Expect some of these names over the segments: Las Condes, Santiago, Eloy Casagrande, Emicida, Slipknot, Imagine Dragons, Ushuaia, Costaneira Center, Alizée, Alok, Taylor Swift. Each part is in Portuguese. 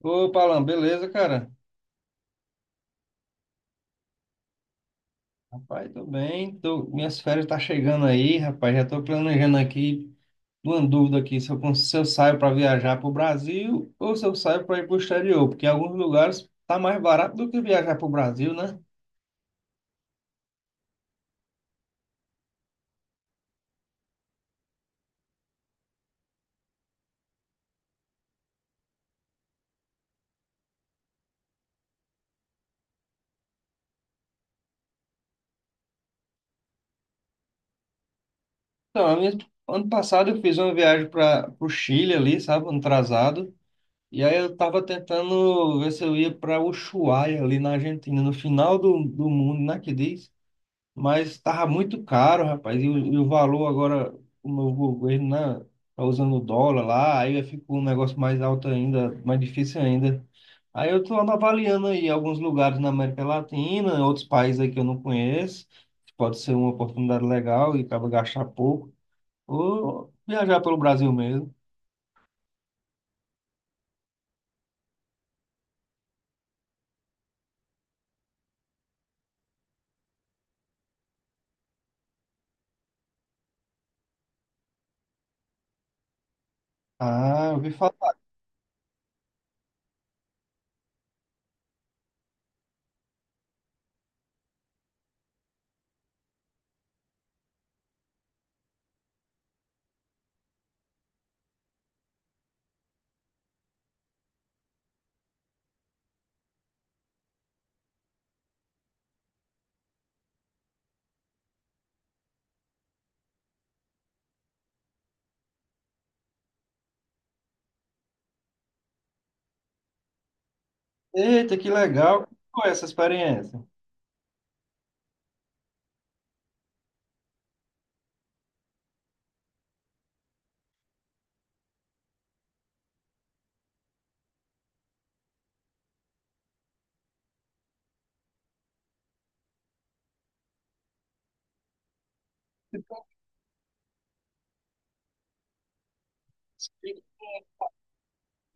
Opa, Alan, beleza, cara? Rapaz, tô bem. Minhas férias tá chegando aí, rapaz. Já tô planejando aqui, uma dúvida aqui, se eu saio para viajar pro Brasil ou se eu saio para ir pro exterior, porque em alguns lugares tá mais barato do que viajar pro Brasil, né? Então, ano passado eu fiz uma viagem para pro Chile ali, sabe, ano atrasado. E aí eu tava tentando ver se eu ia para Ushuaia ali na Argentina, no final do mundo, né, que diz? Mas tava muito caro, rapaz. E o valor agora, o novo governo, né? Tá usando o dólar lá, aí fica um negócio mais alto ainda, mais difícil ainda. Aí eu tô avaliando aí alguns lugares na América Latina, outros países aí que eu não conheço, que pode ser uma oportunidade legal e acaba gastar pouco. Ou viajar pelo Brasil mesmo. Ah, eu ouvi falar. Eita, que legal. Qual é essa experiência?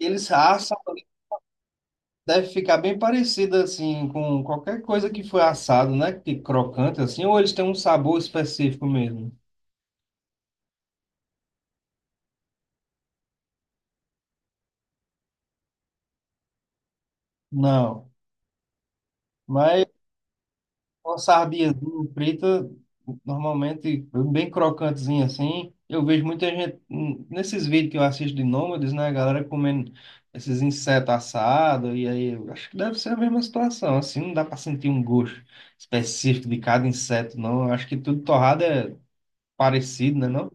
Eles assam. Deve ficar bem parecido assim com qualquer coisa que foi assado, né? Que crocante assim, ou eles têm um sabor específico mesmo? Não. Mas uma sardinhazinha frita, normalmente bem crocantezinha assim, eu vejo muita gente nesses vídeos que eu assisto de nômades, né? A galera comendo esses insetos assados, e aí eu acho que deve ser a mesma situação, assim, não dá para sentir um gosto específico de cada inseto, não. Eu acho que tudo torrado é parecido, né, não?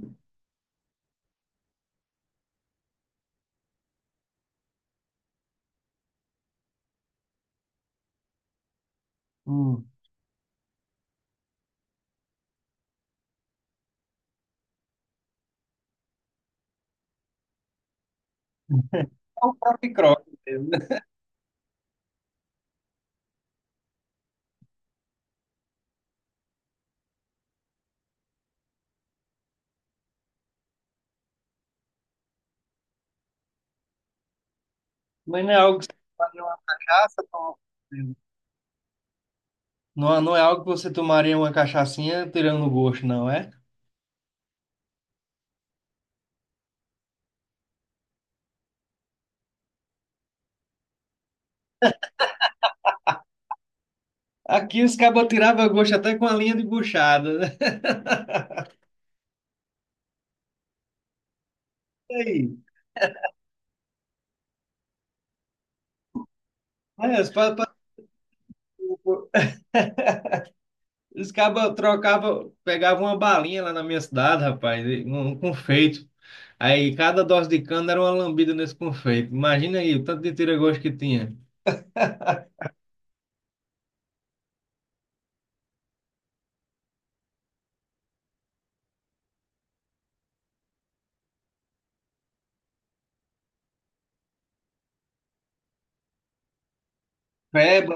Hum. É um próprio croque mesmo, né? Mas não é algo que você tomaria uma cachaça, não é algo que você tomaria uma cachaçinha tirando o gosto, não é? Aqui os cabas tiravam gosto até com a linha de buchada, né? E aí? É, os cabas trocavam, pegavam uma balinha lá na minha cidade, rapaz, e um confeito. Aí cada dose de cana era uma lambida nesse confeito. Imagina aí o tanto de tira-gosto que tinha. Peba,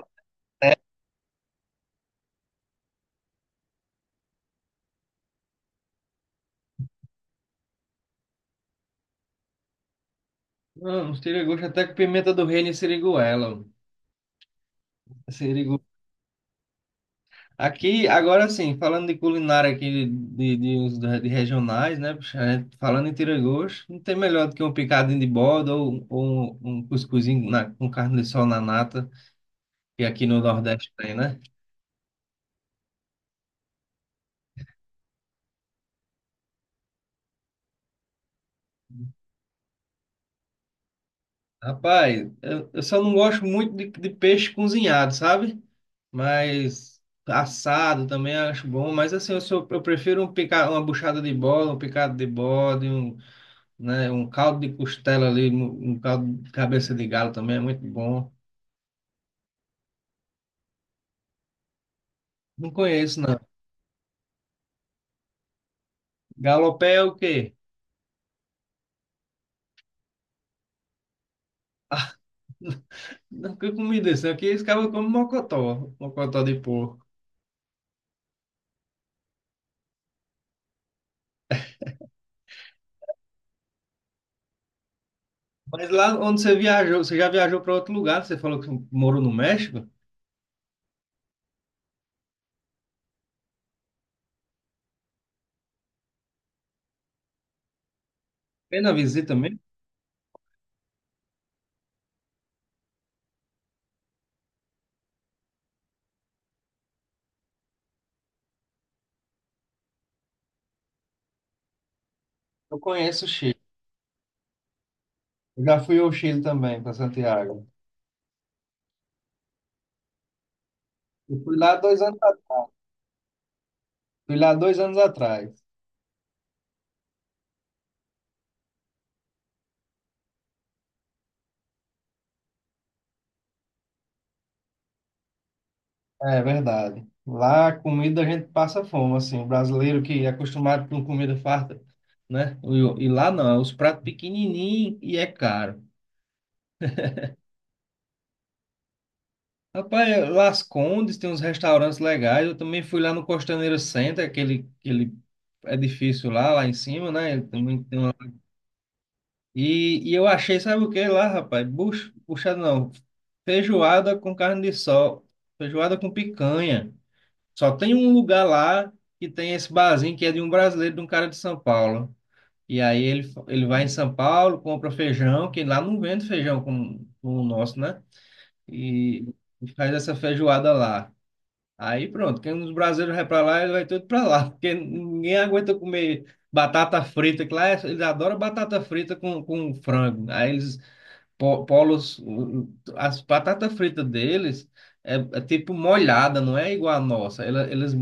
não, uns tira-gosto até com pimenta do reino e siriguela. Aqui, agora sim, falando de culinária aqui, de regionais, né? Puxa, a gente falando em tira-gosto, não tem melhor do que um picadinho de borda ou um cuscuzinho com carne de sol na nata, que aqui no Nordeste tem, né? Rapaz, eu só não gosto muito de peixe cozinhado, sabe? Mas assado também acho bom, mas assim, eu prefiro uma buchada de bola, um picado de bode, né, um caldo de costela ali, um caldo de cabeça de galo também é muito bom. Não conheço, não. Galopé é o quê? Não, que comida isso? Aqui eles acabam como mocotó, mocotó de porco. Mas lá onde você viajou, você já viajou para outro lugar? Você falou que morou no México? Fez na visita mesmo? Eu conheço o Chile. Eu já fui ao Chile também, para Santiago. Eu fui lá 2 anos, fui lá 2 anos atrás. É verdade. Lá a comida a gente passa fome, assim. O brasileiro que é acostumado com comida farta, né? E lá não, é os pratos pequenininhos e é caro. Rapaz, Las Condes tem uns restaurantes legais. Eu também fui lá no Costaneira Center, aquele edifício lá, lá em cima, né? Ele também tem uma. E eu achei, sabe o que lá, rapaz? Buchada não. Feijoada com carne de sol. Feijoada com picanha. Só tem um lugar lá que tem esse barzinho que é de um brasileiro, de um cara de São Paulo. E aí ele vai em São Paulo, compra feijão, que lá não vende feijão como o nosso, né? E faz essa feijoada lá. Aí pronto, quem os brasileiros vai para lá, ele vai tudo para lá, porque ninguém aguenta comer batata frita, que lá eles adoram batata frita com frango. Aí eles polos, as batatas fritas deles é tipo molhada, não é igual a nossa. Eles,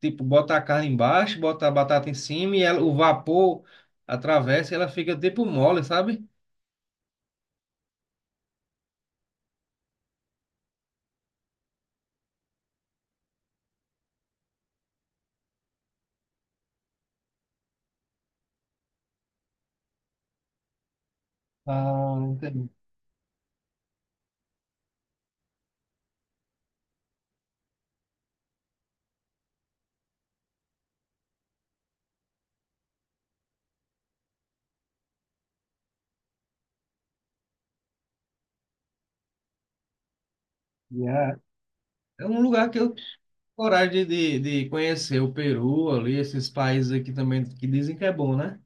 tipo botam a carne embaixo, botam a batata em cima e o vapor atravessa e ela fica tipo mole, sabe? Ah, entendi. Yeah. É um lugar que eu coragem de conhecer o Peru ali, esses países aqui também que dizem que é bom, né?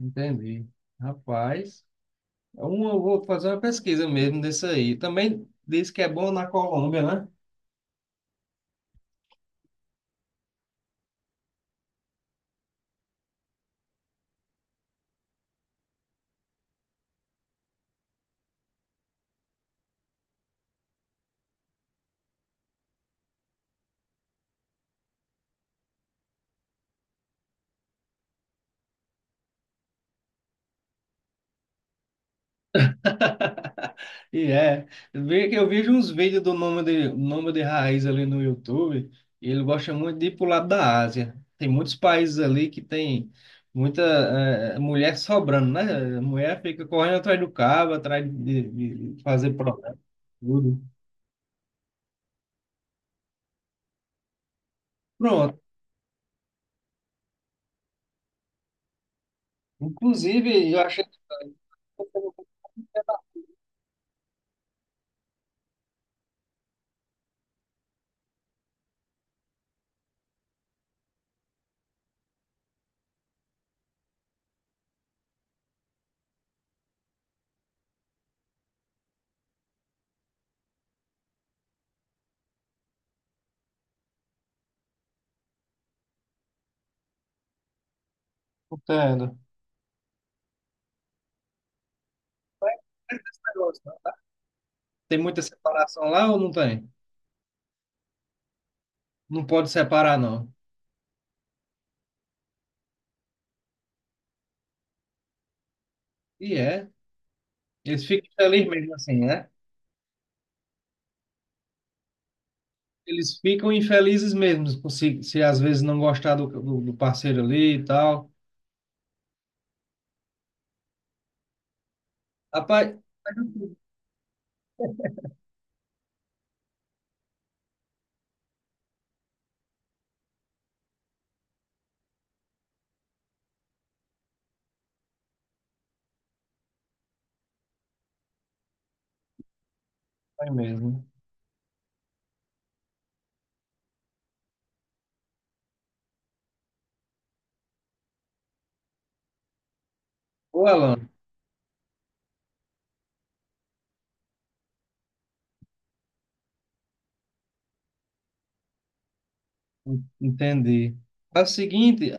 Entendi. Rapaz, eu vou fazer uma pesquisa mesmo desse aí. Também diz que é bom na Colômbia, né? E é. Vê que eu vejo uns vídeos do nome de raiz ali no YouTube, e ele gosta muito de ir pro lado da Ásia. Tem muitos países ali que tem muita mulher sobrando, né? A mulher fica correndo atrás do cabo, atrás de fazer programa, tudo. Pronto. Inclusive, eu achei que você estava contando. Mas esse negócio, né? Tem muita separação lá ou não tem? Não pode separar, não. E é. Eles ficam felizes mesmo assim, né? Eles ficam infelizes mesmo por se às vezes não gostar do parceiro ali e tal. Rapaz, faz um tempo aí mesmo. Ô, Alan, entendi. Faz o seguinte,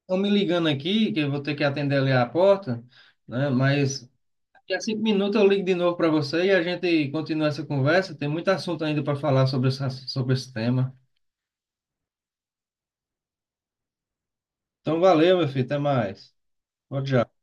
estão me ligando aqui, que eu vou ter que atender ali a porta, né? Mas daqui a 5 minutos eu ligo de novo para você e a gente continua essa conversa. Tem muito assunto ainda para falar sobre essa, sobre esse tema. Então, valeu, meu filho. Até mais. Tchau, tchau.